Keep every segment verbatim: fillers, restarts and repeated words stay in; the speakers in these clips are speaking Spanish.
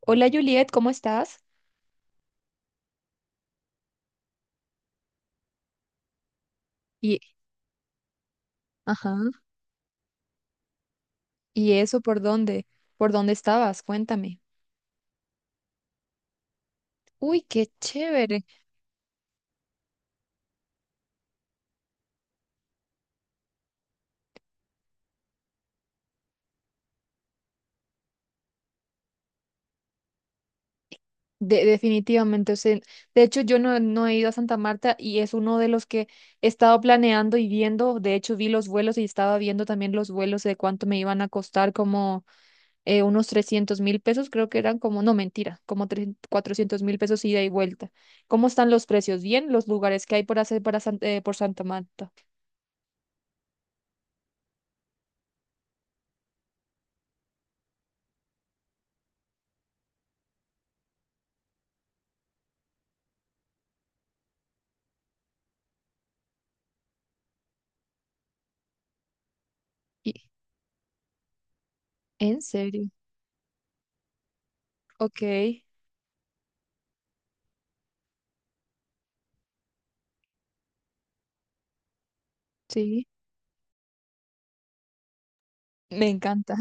Hola Juliet, ¿cómo estás? Y, ajá, ¿y eso por dónde? ¿Por dónde estabas? Cuéntame. Uy, qué chévere. De- definitivamente, o sea, de hecho yo no, no he ido a Santa Marta y es uno de los que he estado planeando y viendo. De hecho vi los vuelos y estaba viendo también los vuelos de cuánto me iban a costar, como eh, unos trescientos mil pesos, creo que eran como, no, mentira, como tres cuatrocientos mil pesos ida y vuelta. ¿Cómo están los precios? Bien, los lugares que hay por hacer para San- eh, por Santa Marta. Y, ¿En serio? Ok, sí, me encanta.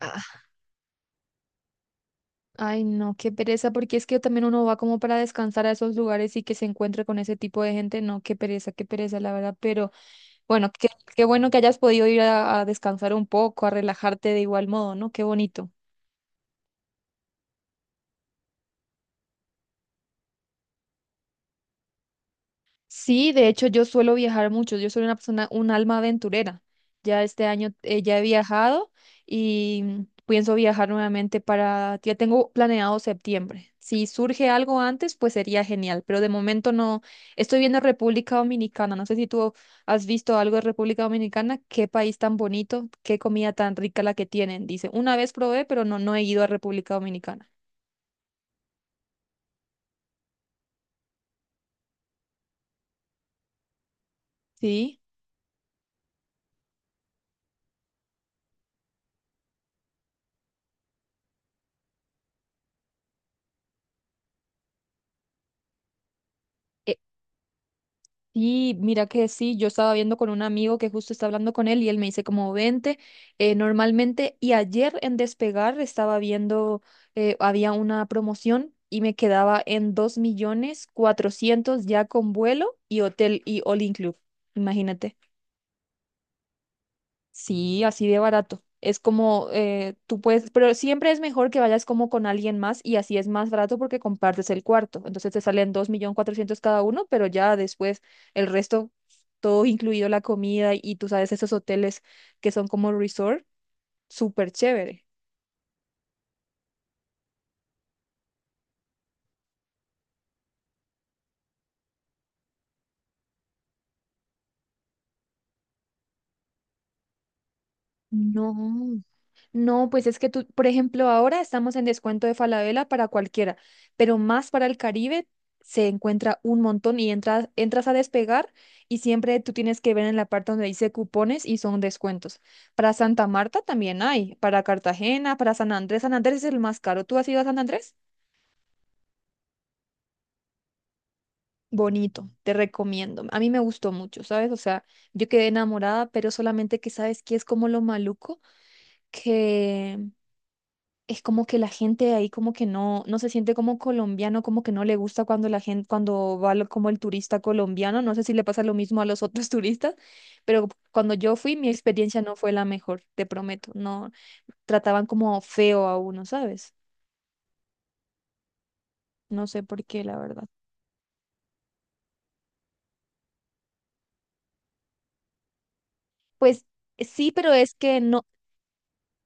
Ah, ay, no, qué pereza, porque es que también uno va como para descansar a esos lugares y que se encuentre con ese tipo de gente. No, qué pereza, qué pereza, la verdad. Pero bueno, qué, qué bueno que hayas podido ir a, a descansar un poco, a relajarte de igual modo, ¿no? Qué bonito. Sí, de hecho yo suelo viajar mucho, yo soy una persona, un alma aventurera. Ya este año eh, ya he viajado y mm, pienso viajar nuevamente para, ya tengo planeado septiembre. Si surge algo antes, pues sería genial, pero de momento no. Estoy viendo República Dominicana, no sé si tú has visto algo de República Dominicana, qué país tan bonito, qué comida tan rica la que tienen, dice. Una vez probé, pero no, no he ido a República Dominicana. Sí. Sí, mira que sí, yo estaba viendo con un amigo que justo está hablando con él y él me dice como veinte eh, normalmente y ayer en Despegar estaba viendo, eh, había una promoción y me quedaba en dos millones cuatrocientos ya con vuelo y hotel y all inclusive, imagínate. Sí, así de barato. Es como eh, tú puedes, pero siempre es mejor que vayas como con alguien más y así es más barato porque compartes el cuarto. Entonces te salen dos millones cuatrocientos mil cada uno, pero ya después el resto, todo incluido la comida y tú sabes esos hoteles que son como resort, súper chévere. No. No, pues es que tú, por ejemplo, ahora estamos en descuento de Falabella para cualquiera, pero más para el Caribe se encuentra un montón y entras, entras a despegar y siempre tú tienes que ver en la parte donde dice cupones y son descuentos. Para Santa Marta también hay, para Cartagena, para San Andrés. San Andrés es el más caro. ¿Tú has ido a San Andrés? Bonito, te recomiendo. A mí me gustó mucho, ¿sabes? O sea, yo quedé enamorada, pero solamente que sabes que es como lo maluco que es como que la gente de ahí como que no, no se siente como colombiano, como que no le gusta cuando la gente, cuando va lo- como el turista colombiano, no sé si le pasa lo mismo a los otros turistas, pero cuando yo fui, mi experiencia no fue la mejor, te prometo, no trataban como feo a uno, ¿sabes? No sé por qué, la verdad. Pues sí, pero es que no,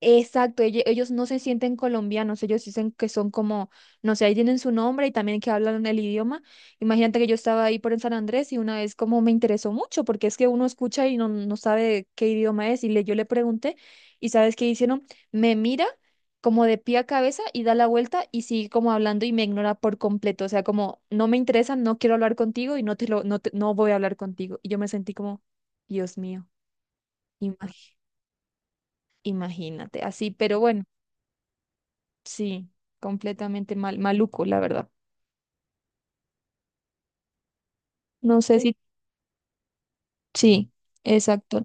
exacto, elle- ellos no se sienten colombianos, ellos dicen que son como, no sé, ahí tienen su nombre y también que hablan el idioma. Imagínate que yo estaba ahí por en San Andrés y una vez como me interesó mucho, porque es que uno escucha y no, no sabe qué idioma es, y le, yo le pregunté, y ¿sabes qué hicieron? Me mira como de pie a cabeza y da la vuelta y sigue como hablando y me ignora por completo, o sea, como no me interesa, no quiero hablar contigo y no te lo, no te- no voy a hablar contigo. Y yo me sentí como, Dios mío, imag- imagínate, así, pero bueno. Sí, completamente mal, maluco, la verdad. No sé. Sí. Si, sí, exacto.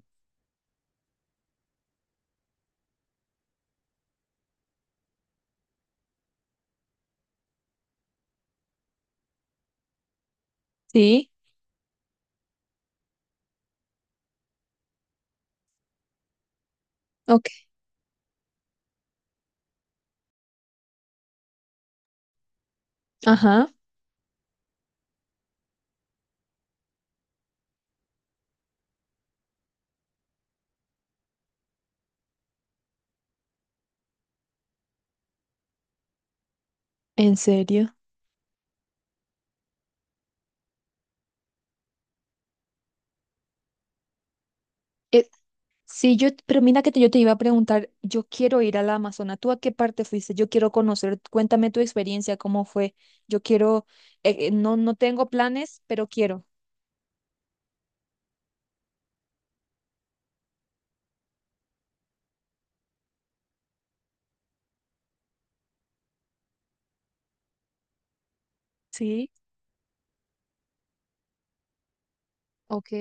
Sí, ok. Ajá, en serio. Eh, sí, yo, pero mira que te- yo te iba a preguntar, yo quiero ir a la Amazona. ¿Tú a qué parte fuiste? Yo quiero conocer, cuéntame tu experiencia, cómo fue. Yo quiero, eh, eh, no, no tengo planes, pero quiero. Sí, ok.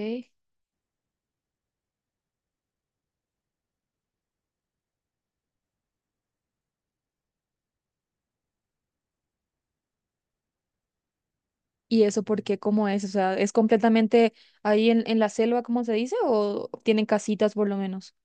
¿Y eso por qué? ¿Cómo es? O sea, ¿es completamente ahí en, en la selva, como se dice? ¿O tienen casitas por lo menos?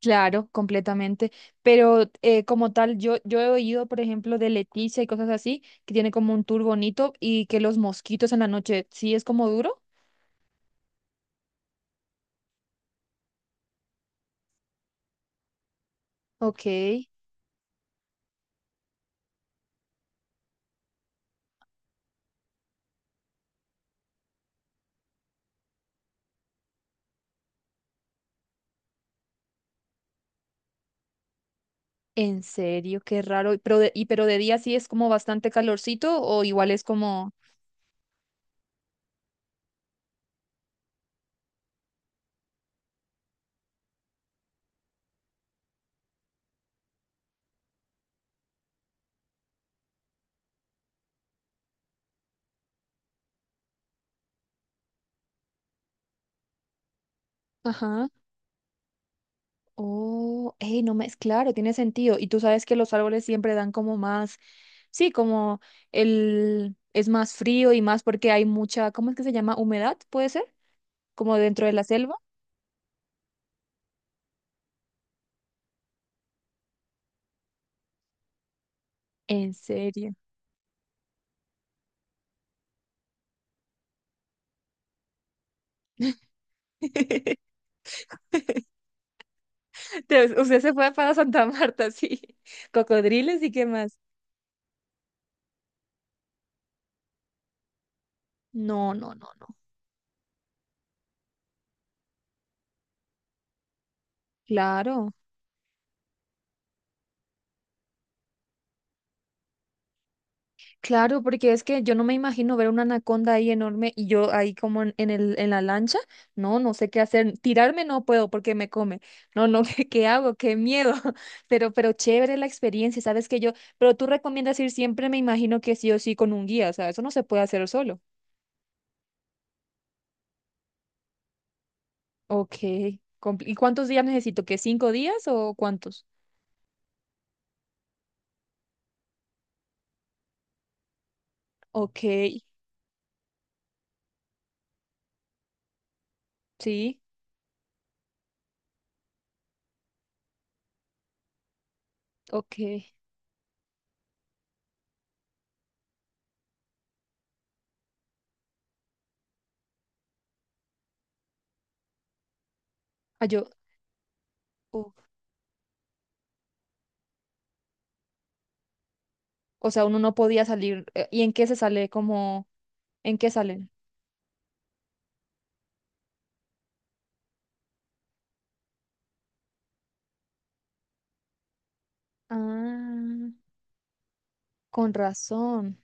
Claro, completamente. Pero eh, como tal, yo, yo he oído, por ejemplo, de Leticia y cosas así, que tiene como un tour bonito y que los mosquitos en la noche sí es como duro. Ok, en serio, qué raro. Y Pero de, y pero de día sí es como bastante calorcito o igual es como... Ajá. Oh, hey, no me es claro, tiene sentido. Y tú sabes que los árboles siempre dan como más, sí, como el es más frío y más porque hay mucha, ¿cómo es que se llama? Humedad, ¿puede ser? Como dentro de la selva. ¿En serio? Te- Usted se fue para Santa Marta, sí. Cocodriles y qué más. No, no, no, no. Claro, claro, porque es que yo no me imagino ver una anaconda ahí enorme y yo ahí como en, en el, en la lancha. No, no sé qué hacer. Tirarme no puedo porque me come. No, no, ¿qué, qué hago? Qué miedo. Pero, pero chévere la experiencia, ¿sabes que yo? Pero tú recomiendas ir siempre, me imagino que sí o sí con un guía, o sea, eso no se puede hacer solo. Ok. compl- ¿Y cuántos días necesito? ¿Que cinco días o cuántos? Ok. Sí, ok. Ah, yo, uf, o sea, uno no podía salir. eh, ¿Y en qué se sale? Como, ¿en qué salen? Ah, con razón.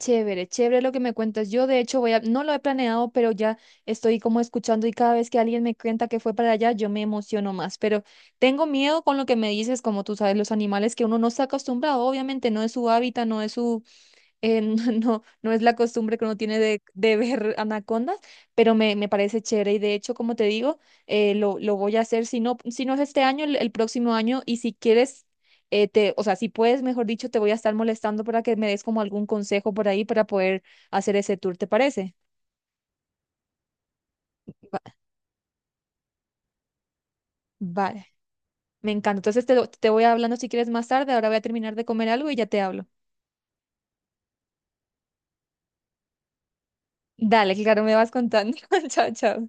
Chévere, chévere lo que me cuentas. Yo, de hecho, voy a, no lo he planeado, pero ya estoy como escuchando y cada vez que alguien me cuenta que fue para allá, yo me emociono más. Pero tengo miedo con lo que me dices, como tú sabes, los animales que uno no está acostumbrado, obviamente no es su hábitat, no es su eh, no, no, no es la costumbre que uno tiene de, de ver anacondas, pero me, me parece chévere y de hecho, como te digo, eh, lo, lo voy a hacer, si no, si no es este año, el, el próximo año y si quieres, eh, te, o sea, si puedes, mejor dicho, te voy a estar molestando para que me des como algún consejo por ahí para poder hacer ese tour, ¿te parece? Va- Vale, me encanta. Entonces te, lo- te voy hablando si quieres más tarde, ahora voy a terminar de comer algo y ya te hablo. Dale, claro, me vas contando. Chao, chao.